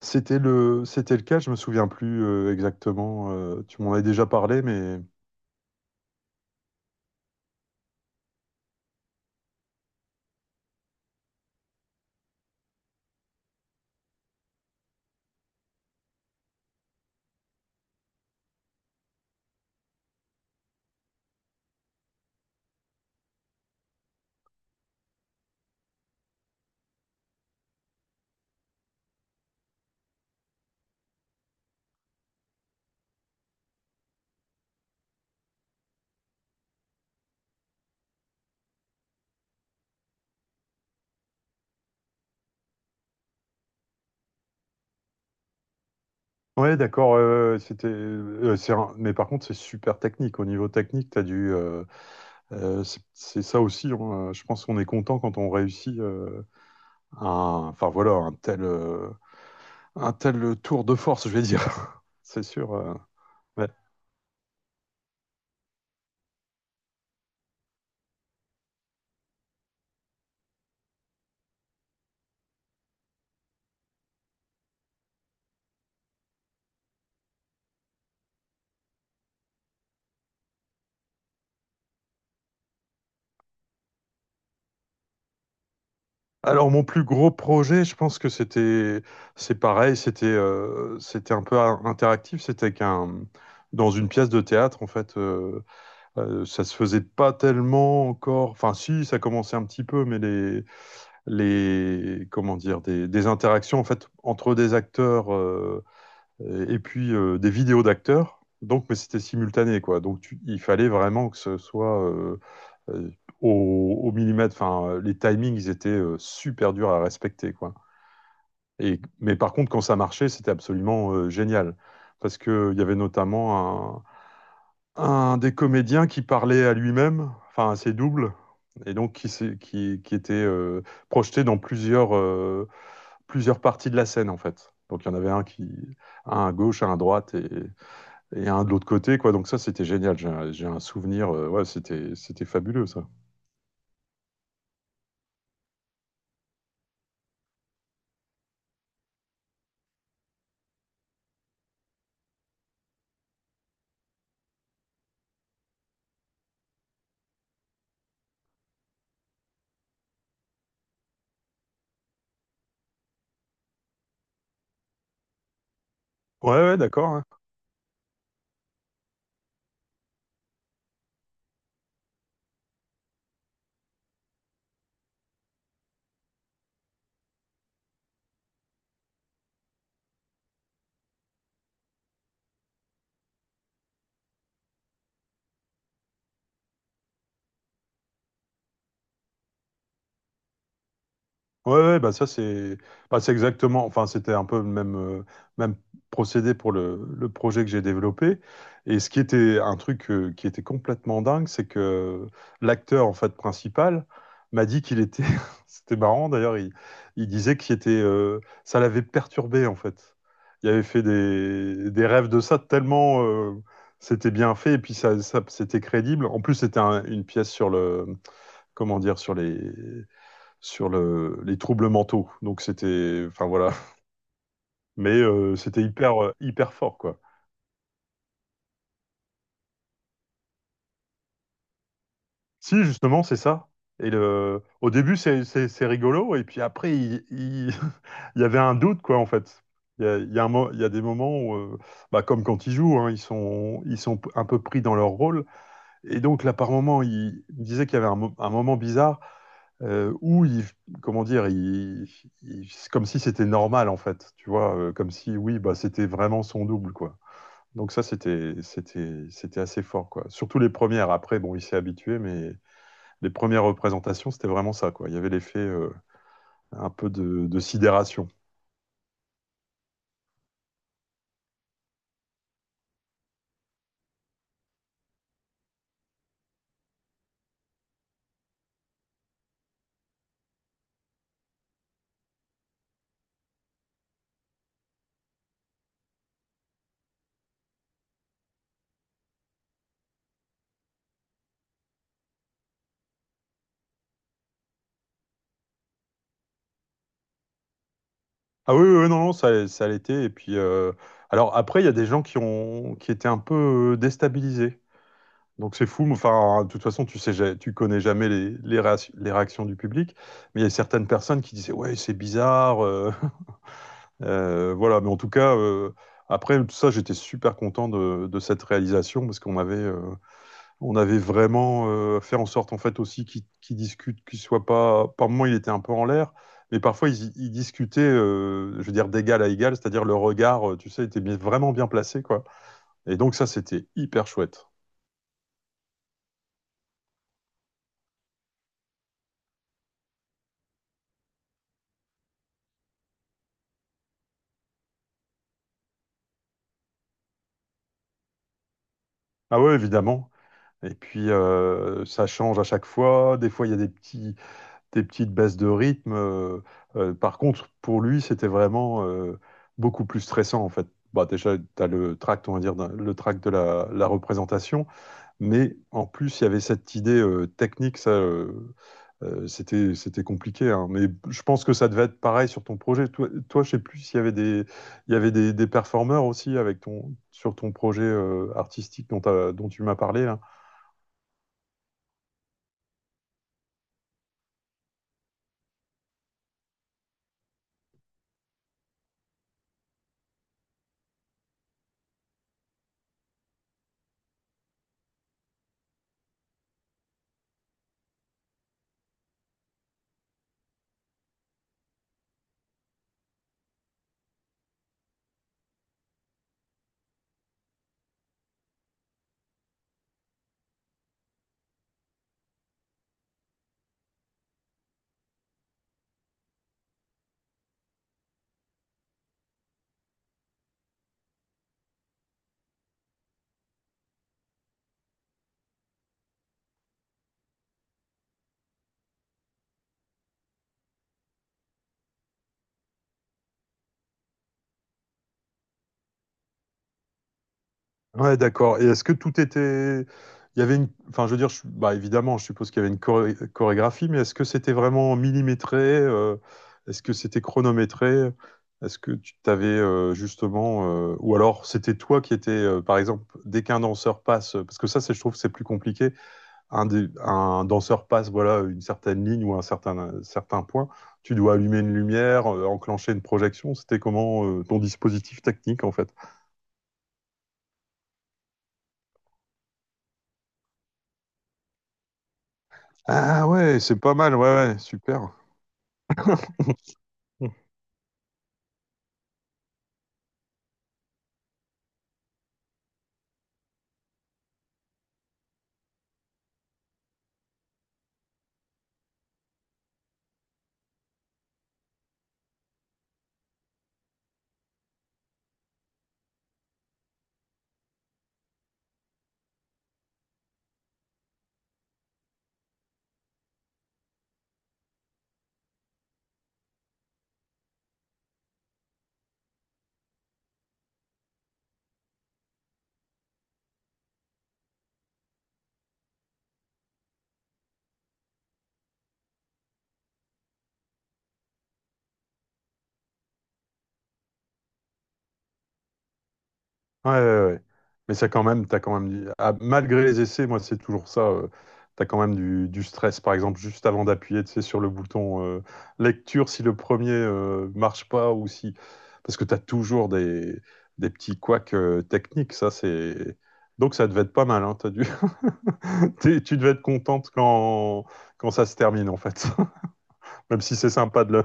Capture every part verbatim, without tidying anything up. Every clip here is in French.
C'était le, c'était le cas, je me souviens plus euh, exactement. Euh, tu m'en as déjà parlé, mais ouais, d'accord. Euh, c'était, euh, c'est un- mais par contre, c'est super technique. Au niveau technique, t'as dû, euh, euh, c'est c'est ça aussi, hein, euh, je pense qu'on est content quand on réussit euh, un, enfin voilà, un tel, euh, un tel tour de force, je vais dire. C'est sûr. euh. Ouais. Alors mon plus gros projet, je pense que c'était, c'est pareil, c'était, euh, c'était un peu a- interactif, c'était qu'un, dans une pièce de théâtre en fait, euh, euh, ça se faisait pas tellement encore, enfin si, ça commençait un petit peu, mais les, les, comment dire, des, des interactions en fait entre des acteurs. euh, et, et puis euh, des vidéos d'acteurs. Donc, mais c'était simultané, quoi. Donc, tu- il fallait vraiment que ce soit euh, euh, au, au millimètre. Enfin, les timings, ils étaient euh, super durs à respecter, quoi. Et, mais par contre, quand ça marchait, c'était absolument euh, génial. Parce qu'il y avait notamment un, un des comédiens qui parlait à lui-même, enfin à ses doubles, et donc qui, qui, qui était euh, projeté dans plusieurs, euh, plusieurs parties de la scène, en fait. Donc il y en avait un qui, un à gauche, un à droite, et, et un de l'autre côté, quoi. Donc ça, c'était génial. J'ai un, j'ai un souvenir. Euh, ouais, c'était, c'était fabuleux, ça. Ouais, ouais, d'accord. Ouais, ouais, bah ça c'est bah, c'est exactement, enfin c'était un peu le même, euh, même procédé pour le, le projet que j'ai développé. Et ce qui était un truc euh, qui était complètement dingue, c'est que l'acteur en fait principal m'a dit qu'il était, c'était marrant d'ailleurs, il, il disait qu'il était, euh, ça l'avait perturbé en fait. Il avait fait des, des rêves de ça tellement euh, c'était bien fait et puis ça, ça- c'était crédible. En plus c'était un- une pièce sur le, comment dire, sur les sur le, les troubles mentaux. Donc c'était, enfin voilà, mais euh, c'était hyper euh, hyper fort quoi. Si justement c'est ça. Et le, au début c'est c'est- c'est rigolo et puis après il, il- il y avait un doute quoi en fait. Il y a, il y a un mo- il y a des moments où, euh, bah, comme quand ils jouent, hein, ils sont ils sont un peu pris dans leur rôle. Et donc là par moment il, il me disait qu'il y avait un, mo- un moment bizarre euh, où il comment dire, il, il- c'est comme si c'était normal en fait, tu vois, euh, comme si oui, bah c'était vraiment son double quoi. Donc ça, c'était, c'était, c'était assez fort, quoi. Surtout les premières. Après, bon, il s'est habitué, mais les premières représentations, c'était vraiment ça, quoi. Il y avait l'effet euh, un peu de, de sidération. Ah oui, oui, oui, non, non, ça, ça l'était. Et puis, euh, alors après, il y a des gens qui ont, qui étaient un peu euh, déstabilisés. Donc c'est fou. Mais enfin, de toute façon, tu sais, ja- tu connais jamais les, les, réac- les réactions du public. Mais il y a certaines personnes qui disaient, ouais, c'est bizarre. euh, Euh, voilà, mais en tout cas, euh, après tout ça, j'étais super content de, de cette réalisation parce qu'on avait, euh, on avait vraiment euh, fait en sorte en fait aussi qu'ils qu'ils discutent, qu'ils soient pas. Par moment, il était un peu en l'air, mais parfois ils, ils discutaient, euh, je veux dire d'égal à égal, c'est-à-dire le regard, euh, tu sais, était bien- vraiment bien placé quoi. Et donc ça, c'était hyper chouette. Ah ouais, évidemment. Et puis euh, ça change à chaque fois. Des fois, il y a des petits des petites baisses de rythme. Euh, euh, par contre, pour lui, c'était vraiment euh, beaucoup plus stressant, en fait. Bah, déjà, tu as le tract, on va dire, d'un- le tract de la, la représentation, mais en plus, il y avait cette idée euh, technique, ça, euh, euh, c'était, c'était compliqué, hein. Mais je pense que ça devait être pareil sur ton projet. Toi, toi je sais plus s'il y avait des, il y avait des, des performeurs aussi avec ton, sur ton projet euh, artistique dont, t'as- dont tu m'as parlé, là. Ouais, d'accord. Et est-ce que tout était... Il y avait une... Enfin, je veux dire, je- bah, évidemment, je suppose qu'il y avait une choré- chorégraphie, mais est-ce que c'était vraiment millimétré? euh, Est-ce que c'était chronométré? Est-ce que tu t'avais euh, justement... euh, Ou alors, c'était toi qui étais, euh, par exemple, dès qu'un danseur passe... Parce que ça, c'est- je trouve que c'est plus compliqué. Un, des- un danseur passe, voilà, une certaine ligne ou un certain, un certain point. Tu dois allumer une lumière, euh, enclencher une projection. C'était comment euh, ton dispositif technique, en fait? Ah ouais, c'est pas mal, ouais, ouais, super. Ouais, ouais, ouais. Mais ça quand même, t'as quand même du- ah, malgré les essais, moi c'est toujours ça. Euh, t'as quand même du, du stress, par exemple, juste avant d'appuyer, tu sais, sur le bouton euh, lecture, si le premier euh, marche pas ou si, parce que t'as toujours des, des petits couacs euh, techniques. Ça c'est donc ça devait être pas mal, hein, t'as dû... t'es- Tu devais être contente quand quand ça se termine en fait, même si c'est sympa de le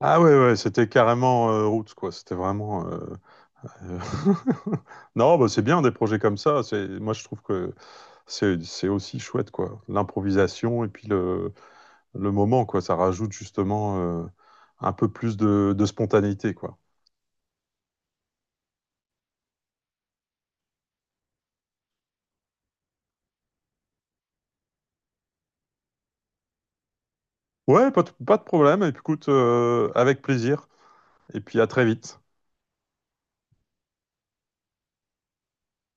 ah ouais, ouais, c'était carrément euh, roots, quoi. C'était vraiment. euh, euh, Non, bah, c'est bien des projets comme ça. C'est, moi, je trouve que c'est, c'est aussi chouette, quoi. L'improvisation et puis le, le moment, quoi. Ça rajoute justement euh, un peu plus de, de spontanéité, quoi. Ouais, pas de, pas de problème. Et puis, écoute, euh, avec plaisir. Et puis, à très vite.